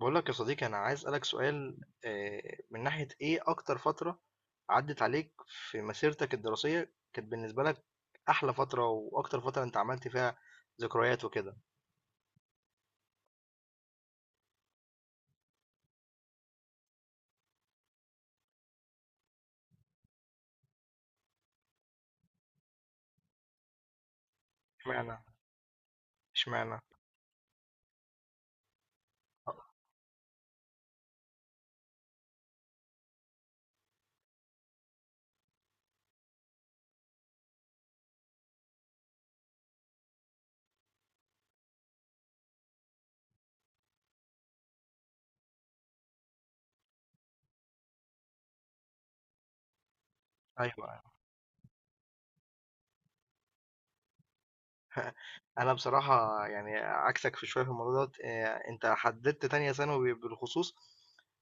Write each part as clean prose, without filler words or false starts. بقول لك يا صديقي، انا عايز اسالك سؤال، من ناحيه ايه اكتر فتره عدت عليك في مسيرتك الدراسيه كانت بالنسبه لك احلى فتره، واكتر فتره انت عملت فيها ذكريات وكده؟ اشمعنى اشمعنى؟ ايوه. انا بصراحه يعني عكسك في شويه في الموضوع دوت، انت حددت تانية ثانوي بالخصوص.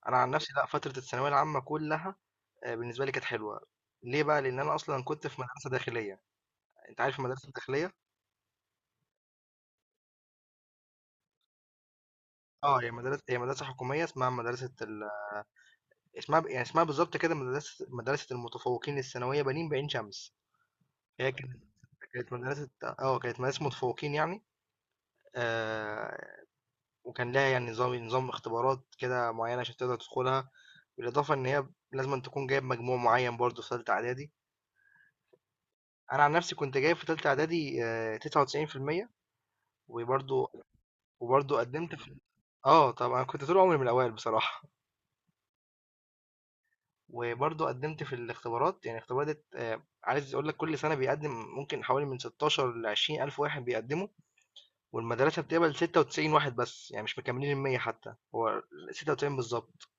انا عن نفسي لا، فتره الثانويه العامه كلها، بالنسبه لي كانت حلوه. ليه بقى؟ لان انا اصلا كنت في مدرسه داخليه. انت عارف المدرسه الداخليه؟ اه، هي مدرسه حكوميه، اسمها مدرسه، اسمها ب يعني اسمها بالضبط كده مدرسة المتفوقين الثانوية بنين بعين شمس، هي كانت مدرسة، كانت مدرسة متفوقين يعني، آآ وكان ليها يعني نظام اختبارات كده معيّنة عشان تقدر تدخلها، بالإضافة إن هي لازمًا تكون جايب مجموع معيّن برضه في تالتة إعدادي. أنا عن نفسي كنت جايب في تالتة إعدادي 99%، وبرضه وبرضه قدّمت في، طبعًا أنا كنت طول عمري من الأوائل بصراحة. وبرضه قدمت في الاختبارات، يعني اختبارات عايز اقول لك كل سنه بيقدم ممكن حوالي من 16 ل 20 الف واحد بيقدموا، والمدرسه بتقبل 96 واحد بس، يعني مش مكملين ال 100 حتى، هو 96 بالظبط.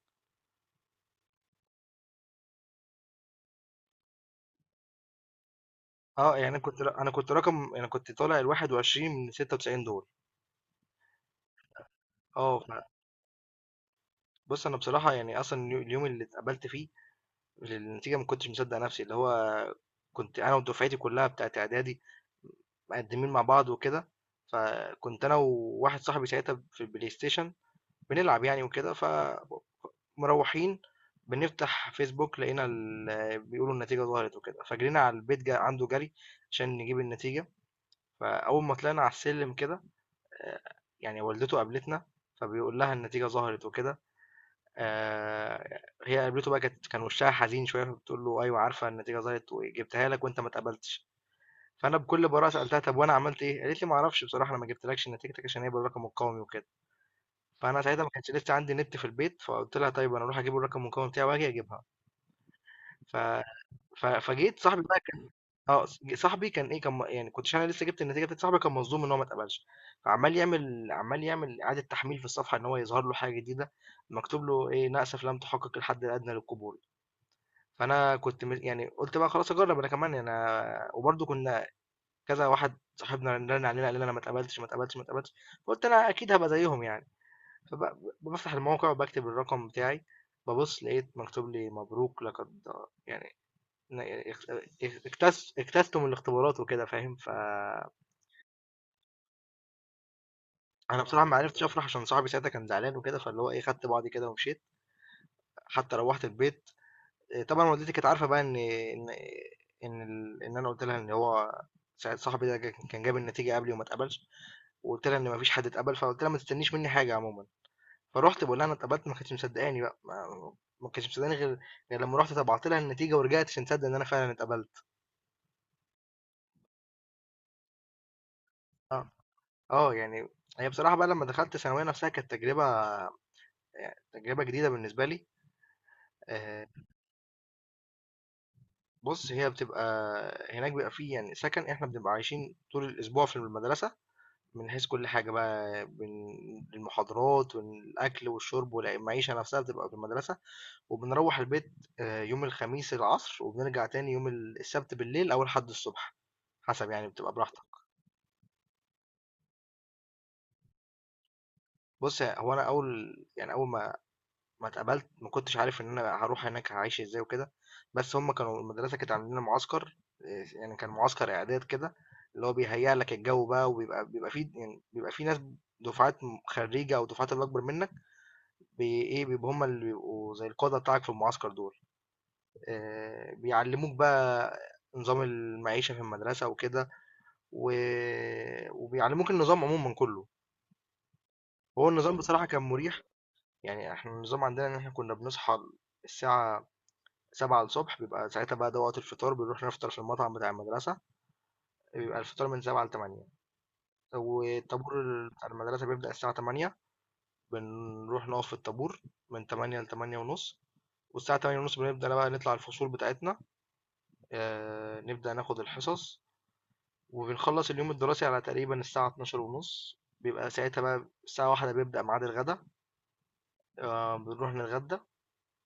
اه، يعني انا كنت طالع ال 21 من 96 دول. اه ف- بص، انا بصراحه يعني اصلا اليوم اللي اتقبلت فيه للنتيجه، ما كنتش مصدق نفسي، اللي هو كنت انا ودفعتي كلها بتاعت اعدادي مقدمين مع بعض وكده. فكنت انا وواحد صاحبي ساعتها في البلاي ستيشن بنلعب يعني وكده، فمروّحين، بنفتح فيسبوك لقينا ال آه، بيقولوا النتيجة ظهرت وكده، فجرينا على البيت عنده جري عشان نجيب النتيجة. فأول ما طلعنا على السلم كده، آآ يعني والدته قابلتنا، فبيقول لها النتيجة ظهرت وكده، آآ هي قابلته بقى، كان وشّها حزين شوية، فبتقول له: "أيوه، عارفة النتيجة ظهرت وجبتها لك وأنت ما اتقبلتش." فأنا بكل براءة سألتها: "طب وأنا عملت إيه؟" قالت لي: "ما أعرفش بصراحة، أنا ما جبتلكش نتيجتك عشان هي بالرقم القومي وكده." فأنا ساعتها ما كانش لسه عندي نت في البيت، فقُلت لها طيب أنا أروح أجيب الرقم المكوّن بتاعي وآجي أجيبها. ف ف فجيت صاحبي بقى، كان آه، ص صاحبي كان إيه، كان م يعني كنتش أنا لسه جِبت النتيجة، بتاعة صاحبي كان مصدوم إن هو ما اتقبلش، فعمّال يعمل إعادة تحميل في الصفحة إن هو يظهر له حاجة جديدة، مكتوب له "للأسف لم تحقق الحد الأدنى للقبول." فأنا كنت م يعني قُلت بقى خلاص أجرّب أنا كمان يعني، أنا وبرضه كنا كذا واحد صاحبنا رَن علينا قال لنا أنا ما اتقبلتش، ما اتقبلتش، ما اتقبلتش، فقُلت أنا أكيد هابقى زيّهم يعني. بافتح الموقع وباكتب الرقم بتاعي، بابُص لقيت مكتوب لي "مبروك، لقد يعني ن اخت اك اكتس اجتزتم الاختبارات" وكده فاهم، فأنا بصراحة ما عرفتش أفرح، عشان صاحبي ساعتها كان زعلان وكده، فاللي هو خدت بعضي كده ومشيت، حتى روّحت البيت. طبعًا والدتي كانت عارفة بقى إن، إن إن ال إن أنا قُلت لها إن هو ساعة صاحبي ده كان جاب النتيجة قبلي وما اتقبلش، وقُلت لها إن ما فيش حد اتقبل، فقُلت لها ما تستنيش منّي حاجة عمومًا. فرُحت باقول لها أنا اتقبلت، ما كانتش مصدقاني بقى، ما كانتش مصدقاني غير لمّا رُحت طبعت لها النتيجة ورجعت عشان تصدق إن أنا فعلًا اتقبلت. آه، يعني هي بصراحة بقى لمّا دخلت الثانوية نفسها كانت تجربة، يعني تجربة جديدة بالنسبة لي. آآ بُص، هي بتبقى هناك، بيبقى في يعني سكن، إحنا بنبقى عايشين طول الأسبوع في المدرسة، من حيث كل حاجة بقى، من المحاضرات والأكل والشرب المعيشة نفسها بتبقى في المدرسة. وبنروّح البيت يوم الخميس العصر، وبنرجع تاني يوم السبت بالليل أو الحد الصبح، حسب يعني، بتبقى براحتك. بُص، هو أنا أول يعني، أول ما اتقبلت ما كنتش عارف إن أنا هاروح هناك هاعيش إزاي وكده، بس هُم كانوا المدرسة كانت عاملة لنا معسكر، يعني كان معسكر إعداد كده، اللي هو بيهيّأ لك الجو بقى، وبيبقى بيبقى في يعني بيبقى في ناس، دُفعات خرّيجة أو دُفعات اللي أكبر منك، بي إيه، بيبقوا هُم اللي بيبقوا زي القادة بتاعك في المعسكر دول. بيعلّموك بقى نظام المعيشة في المدرسة وكده، و وبيعلّموك النظام عمومًا كُلّه. هو النظام بصراحة كان مُريح، يعني إحنا النظام عندنا إن إحنا كُنّا بنصحى الساعة 07:00، بيبقى ساعتها بقى ده وقت الفطار، بنروح نفطر في المطعم بتاع المدرسة، بيبقى الفطار من 07:00 ل08:00، والطابور بتاع المدرسة بيبدأ الساعة 08:00، بنروح نقف في الطابور من 08:00 ل08:30، والساعة 08:30 بنبدأ بقى نطلع الفصول بتاعتنا، نبدأ ناخد الحصص. وبنخلص اليوم الدراسي على تقريبا الساعة 12 ونص، بيبقى ساعتها بقى الساعة واحدة بيبدأ ميعاد الغدا، بنروح نتغدى،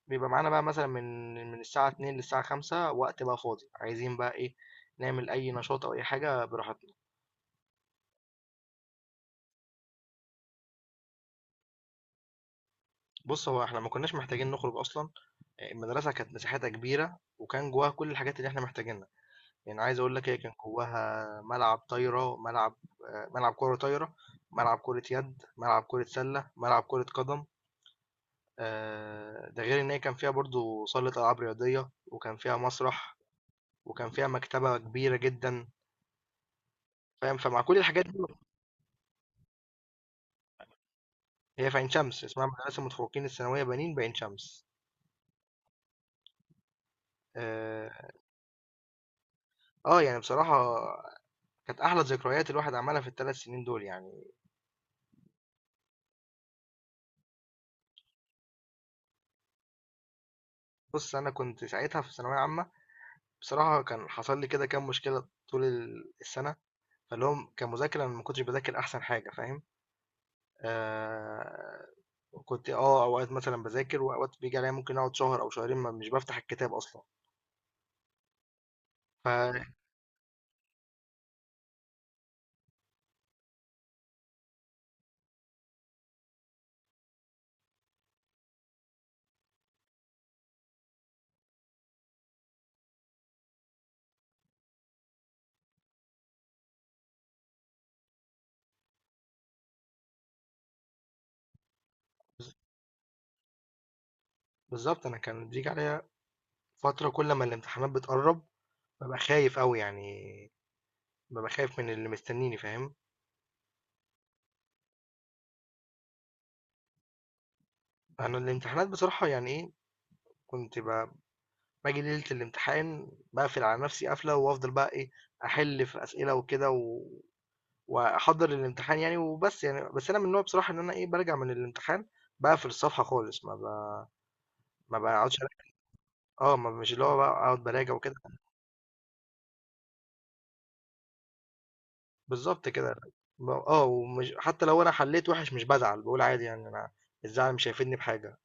بيبقى معانا بقى مثلا من الساعة 2 للساعة 5 وقت بقى فاضي، عايزين بقى نعمل أي نشاط أو أي حاجة براحتنا. بص، هو احنا ما كناش محتاجين نخرج أصلا، المدرسة كانت مساحتها كبيرة وكان جواها كل الحاجات اللي احنا محتاجينها، يعني عايز أقول لك هي كان جواها ملعب طايرة، ملعب كرة طايرة، ملعب كرة يد، ملعب كرة سلة، ملعب كرة قدم، ده غير ان هي كان فيها برضو صالة العاب رياضية، وكان فيها مسرح، وكان فيها مكتبة كبيرة جدا، فاهم، فمع كل الحاجات دي، هي في عين شمس اسمها مدرسة المتفوقين الثانوية بنين بعين شمس. اه. يعني بصراحة كانت احلى ذكريات الواحد عملها في الثلاث سنين دول يعني. بص، انا كنت ساعتها في ثانوية عامة، بصراحة كان حصل لي كده كام مشكلة طول السنة، فاللي هم كمذاكرة، أنا ما كنتش بذاكر احسن حاجة، فاهم. آه، كنت اوقات مثلا بذاكر، واوقات بيجي عليا ممكن اقعد شهر او شهرين ما مش بفتح الكتاب اصلا، فبالظبط. انا كان بيجي عليا فتره كل ما الامتحانات بتقرب ببقى خايف قوي يعني، ببقى خايف من اللي مستنيني، فاهم. انا الامتحانات بصراحه يعني ايه كنت باجي ليله الامتحان بقفل على نفسي قفله، وافضل بقى احل في اسئله وكده، واحضر الامتحان يعني وبس. يعني بس انا من النوع بصراحه ان انا برجع من الامتحان بقفل الصفحه خالص، ما بقعدش، ما مش اللي هو بقى أقعد باراجع وكده. بالضبط كده. ب آه، ومش، حتى لو أنا حليت وِحِش مش بازعل، باقول عادي يعني، أنا الزعل مش هيفيدني بحاجة.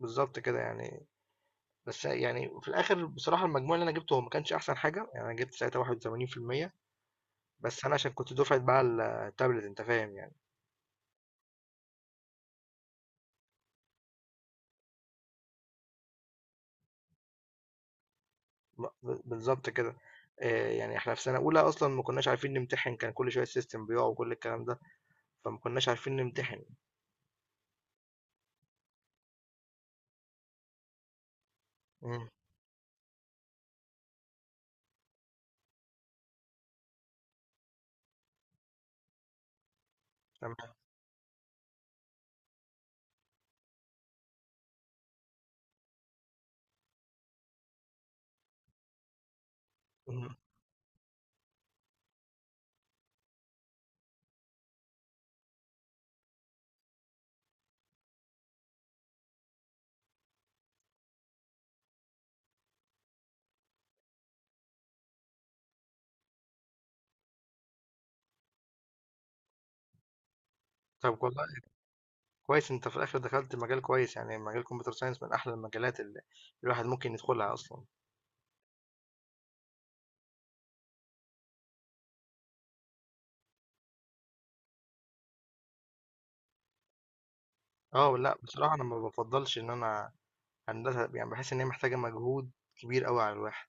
بالضبط كده يعني. بس يعني في الآخر بصراحة المجموع اللي أنا جِبته هو ما كانش أحسن حاجة، يعني أنا جِبت ساعتها 81%، بس أنا عشان كنت دُفعة بقى التابلت، أنت فاهم يعني، ب ب بالضبط كده، يعني إحنا في سَنة أولى أصلًا ما كناش عارفين نمتحن، كان كل شوية السيستم بيُقع وكل الكلام ده، فما كناش عارفين نمتحن. إمم. تمام. اهم. طَب والله كويس، انت في الاخر دخلت مجال كويس، يعني مجال الكمبيوتر ساينس من احلى المجالات اللي الواحد ممكن يدخلها اصلا. اه، لا، بصراحه انا ما بفضلش ان انا هندسه يعني، بحس ان هي محتاجه مجهود كبير قوي على الواحد.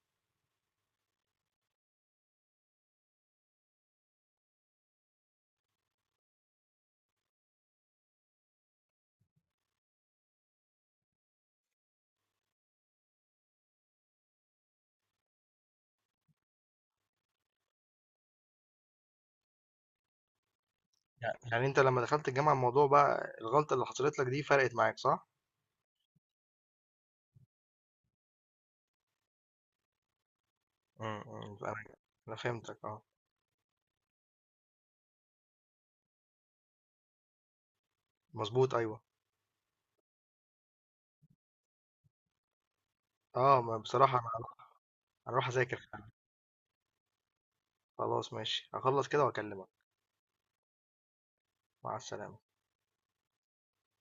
يعني، يعني انت لما دخلت الجامعه الموضوع بقى، الغلطه اللي حصلت لك دي فرقت معاك صح؟ امم، انا فهمتك. اه. مظبوط، ايوه. اه، ما بصراحه انا هروح أنا هروح، اذاكر فعلا. خلاص ماشي، هخلص كده واكلمك. مع السلامه.